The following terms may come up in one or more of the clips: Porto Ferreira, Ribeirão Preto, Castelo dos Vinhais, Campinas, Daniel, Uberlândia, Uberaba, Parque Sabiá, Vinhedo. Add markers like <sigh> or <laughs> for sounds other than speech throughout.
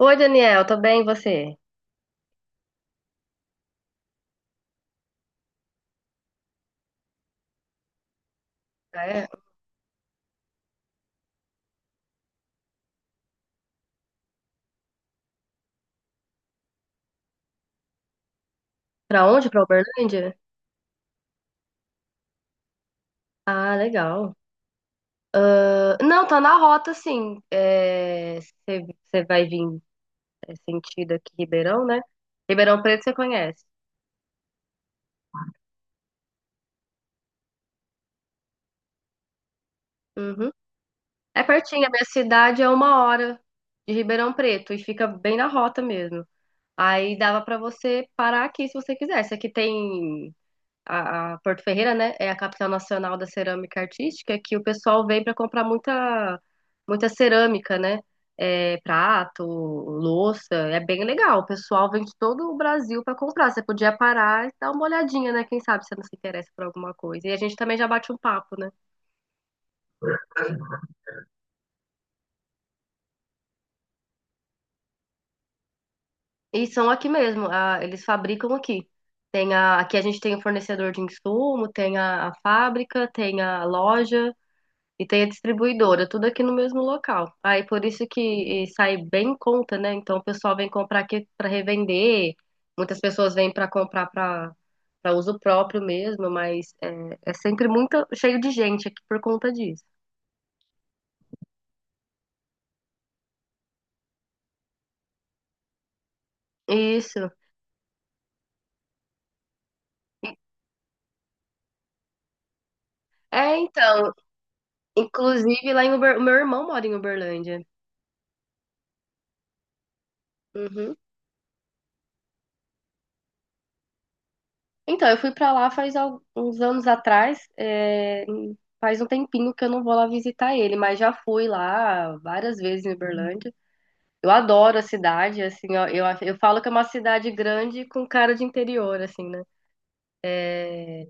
Oi, Daniel, tô bem, e você? Ah, é. Pra onde? Pra Uberlândia? Ah, legal. Ah, não, tá na rota, sim. Você vai vir sentido aqui, Ribeirão, né? Ribeirão Preto você conhece. Uhum. É pertinho, a minha cidade é 1 hora de Ribeirão Preto e fica bem na rota mesmo. Aí dava pra você parar aqui se você quisesse. Aqui tem a Porto Ferreira, né, é a capital nacional da cerâmica artística, que o pessoal vem para comprar muita, muita cerâmica, né? É, prato, louça, é bem legal. O pessoal vem de todo o Brasil para comprar. Você podia parar e dar uma olhadinha, né? Quem sabe você não se interessa por alguma coisa. E a gente também já bate um papo, né? E são aqui mesmo, eles fabricam aqui. Tem aqui a gente tem o fornecedor de insumo, tem a fábrica, tem a loja, e tem a distribuidora, tudo aqui no mesmo local. Aí por isso que e sai bem em conta, né? Então o pessoal vem comprar aqui para revender, muitas pessoas vêm para comprar para uso próprio mesmo, mas é sempre muito cheio de gente aqui por conta disso. Isso. É, então, inclusive o meu irmão mora em Uberlândia. Uhum. Então, eu fui pra lá uns anos atrás, faz um tempinho que eu não vou lá visitar ele, mas já fui lá várias vezes em Uberlândia. Eu adoro a cidade, assim, ó, eu falo que é uma cidade grande com cara de interior, assim, né? É.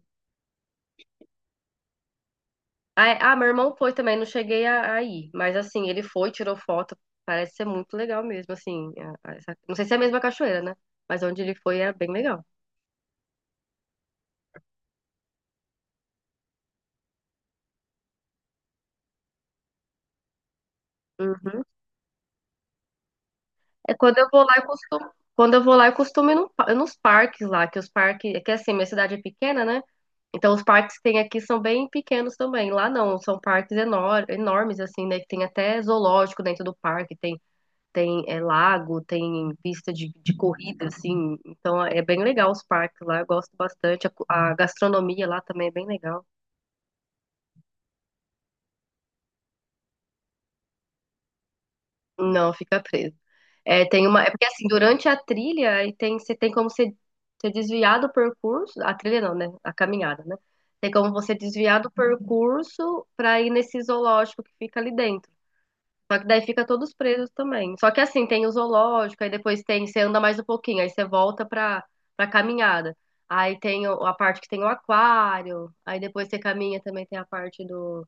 Ah, meu irmão foi também, não cheguei a ir, mas assim, ele foi, tirou foto, parece ser muito legal mesmo, assim. Não sei se é a mesma cachoeira, né? Mas onde ele foi era bem legal. Uhum. É, quando eu vou lá, quando eu vou lá, eu costumo ir nos parques lá, que os parques, é que assim, minha cidade é pequena, né? Então, os parques que tem aqui são bem pequenos também. Lá não, são parques enormes, assim, né? Que tem até zoológico dentro do parque, tem lago, tem pista de corrida, assim. Então, é bem legal os parques lá, eu gosto bastante. A gastronomia lá também é bem legal. Não, fica preso. É, tem é porque, assim, durante a trilha, aí tem, você tem como você desviar do percurso, a trilha não, né? A caminhada, né? Tem como você desviar do percurso para ir nesse zoológico que fica ali dentro. Só que daí fica todos presos também. Só que assim, tem o zoológico, aí depois tem, você anda mais um pouquinho, aí você volta pra caminhada. Aí tem a parte que tem o aquário, aí depois você caminha também tem a parte do,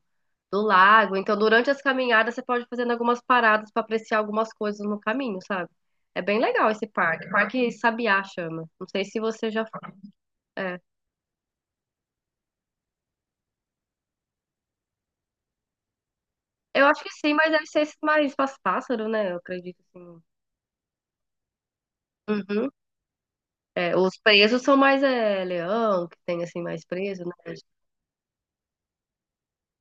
do lago. Então, durante as caminhadas, você pode ir fazendo algumas paradas pra apreciar algumas coisas no caminho, sabe? É bem legal esse parque. Parque Sabiá chama. Não sei se você já. É. Eu acho que sim, mas deve ser esse mais pássaro, né? Eu acredito, assim. Uhum. É, os presos são mais leão, que tem assim mais preso, né?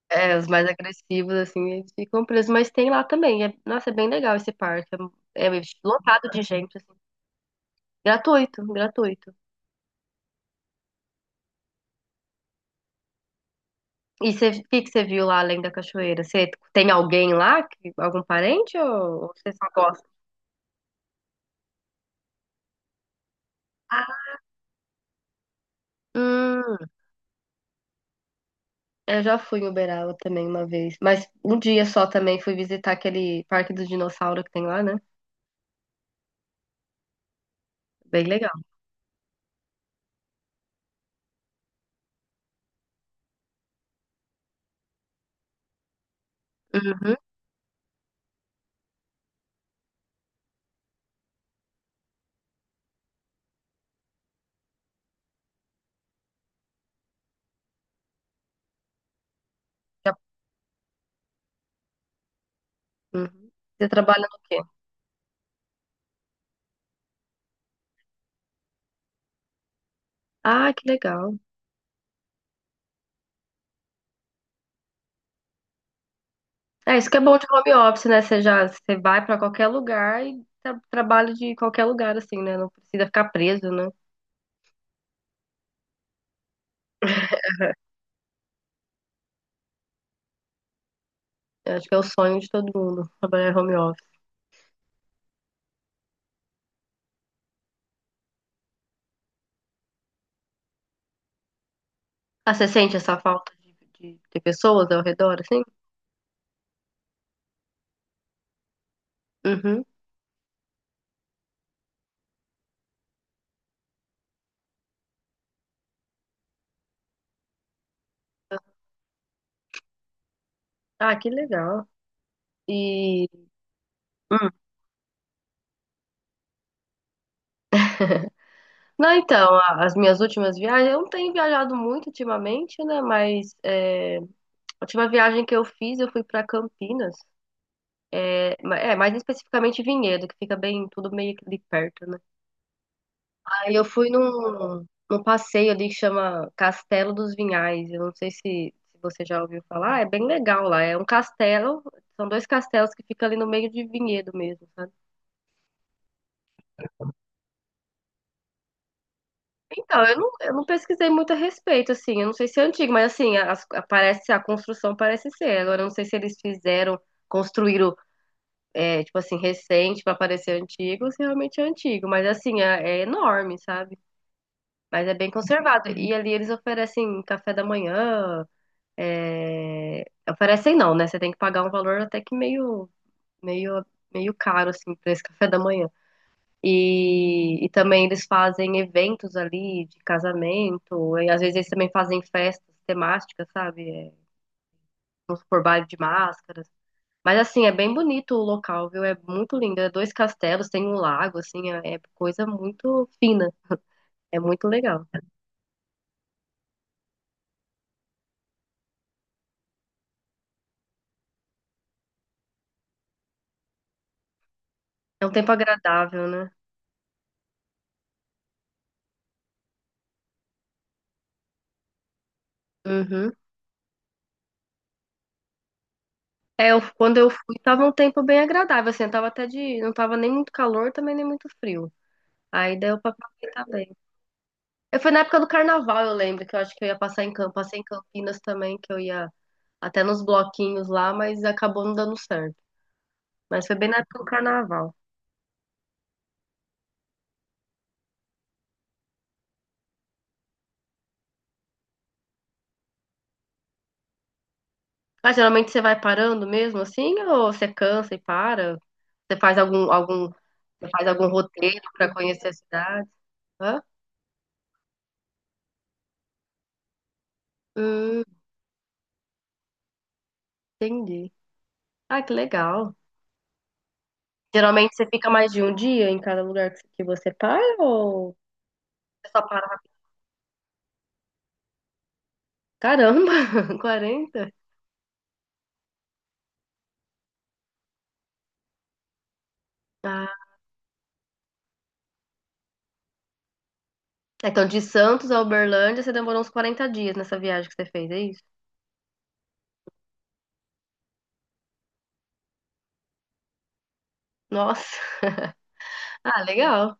É, os mais agressivos, assim, eles ficam presos, mas tem lá também. Nossa, é bem legal esse parque. É lotado de gente, assim. Gratuito, gratuito. E o que que você viu lá além da cachoeira? Você tem alguém lá? Algum parente ou você só gosta? Hum, eu já fui em Uberaba também uma vez, mas um dia só também fui visitar aquele parque do dinossauro que tem lá, né? Bem legal. Uhum. já- uhum. Você trabalha no quê? Ah, que legal. É, isso que é bom de home office, né? Você vai pra qualquer lugar e trabalha de qualquer lugar, assim, né? Não precisa ficar preso, né? Eu acho que é o sonho de todo mundo, trabalhar home office. Ah, você sente essa falta de pessoas ao redor, assim? Uhum. Ah, que legal. E... hum. Não, então, as minhas últimas viagens, eu não tenho viajado muito ultimamente, né? Mas a última viagem que eu fiz, eu fui pra Campinas. Mais especificamente Vinhedo, que fica bem, tudo meio que ali perto, né? Aí eu fui num passeio ali que chama Castelo dos Vinhais. Eu não sei se você já ouviu falar, é bem legal lá. É um castelo, são dois castelos que ficam ali no meio de vinhedo mesmo, sabe? Então, eu não pesquisei muito a respeito, assim. Eu não sei se é antigo, mas assim, parece, a construção parece ser. Agora, eu não sei se eles fizeram, construíram, tipo assim, recente para parecer antigo, ou se realmente é antigo. Mas assim, é enorme, sabe? Mas é bem conservado. E ali eles oferecem café da manhã. É, oferecem não, né? Você tem que pagar um valor até que meio, meio caro, assim, pra esse café da manhã. E também eles fazem eventos ali de casamento, e às vezes eles também fazem festas temáticas, sabe? É, vamos supor, baile de máscaras. Mas assim, é bem bonito o local, viu? É muito lindo. É dois castelos, tem um lago, assim, é coisa muito fina. É muito legal. É um tempo agradável, né? Uhum. É, quando eu fui, tava um tempo bem agradável, assim, tava até não tava nem muito calor, também nem muito frio. Aí deu pra aproveitar bem. Eu fui na época do carnaval, eu lembro, que eu acho que eu ia passar passei em Campinas também, que eu ia até nos bloquinhos lá, mas acabou não dando certo. Mas foi bem na época do carnaval. Ah, geralmente você vai parando mesmo, assim, ou você cansa e para? Você faz algum roteiro pra conhecer a cidade? Hã? Hum, Entendi. Ah, que legal. Geralmente você fica mais de um dia em cada lugar que você para, ou você só para rápido? Caramba, <laughs> 40. Ah, é, então de Santos a Uberlândia você demorou uns 40 dias nessa viagem que você fez, é isso? Nossa, <laughs> ah, legal.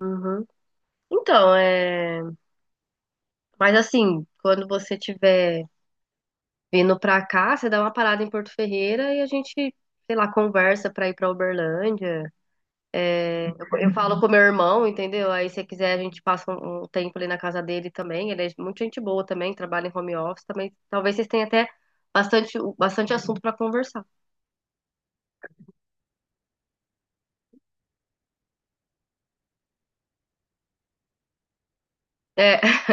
Uhum. Então, é. Mas assim, quando você tiver vindo pra cá, você dá uma parada em Porto Ferreira e a gente, sei lá, conversa pra ir pra Uberlândia. Eu falo com meu irmão, entendeu? Aí, se quiser, a gente passa um tempo ali na casa dele também. Ele é muito gente boa também, trabalha em home office também. Talvez vocês tenham até bastante, bastante assunto para conversar. É. <laughs>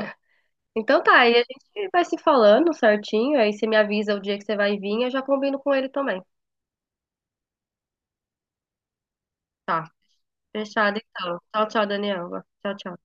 Então tá, aí a gente vai se falando certinho. Aí você me avisa o dia que você vai vir, eu já combino com ele também. Fechado, então. Tchau, tchau, Daniel. Tchau, tchau.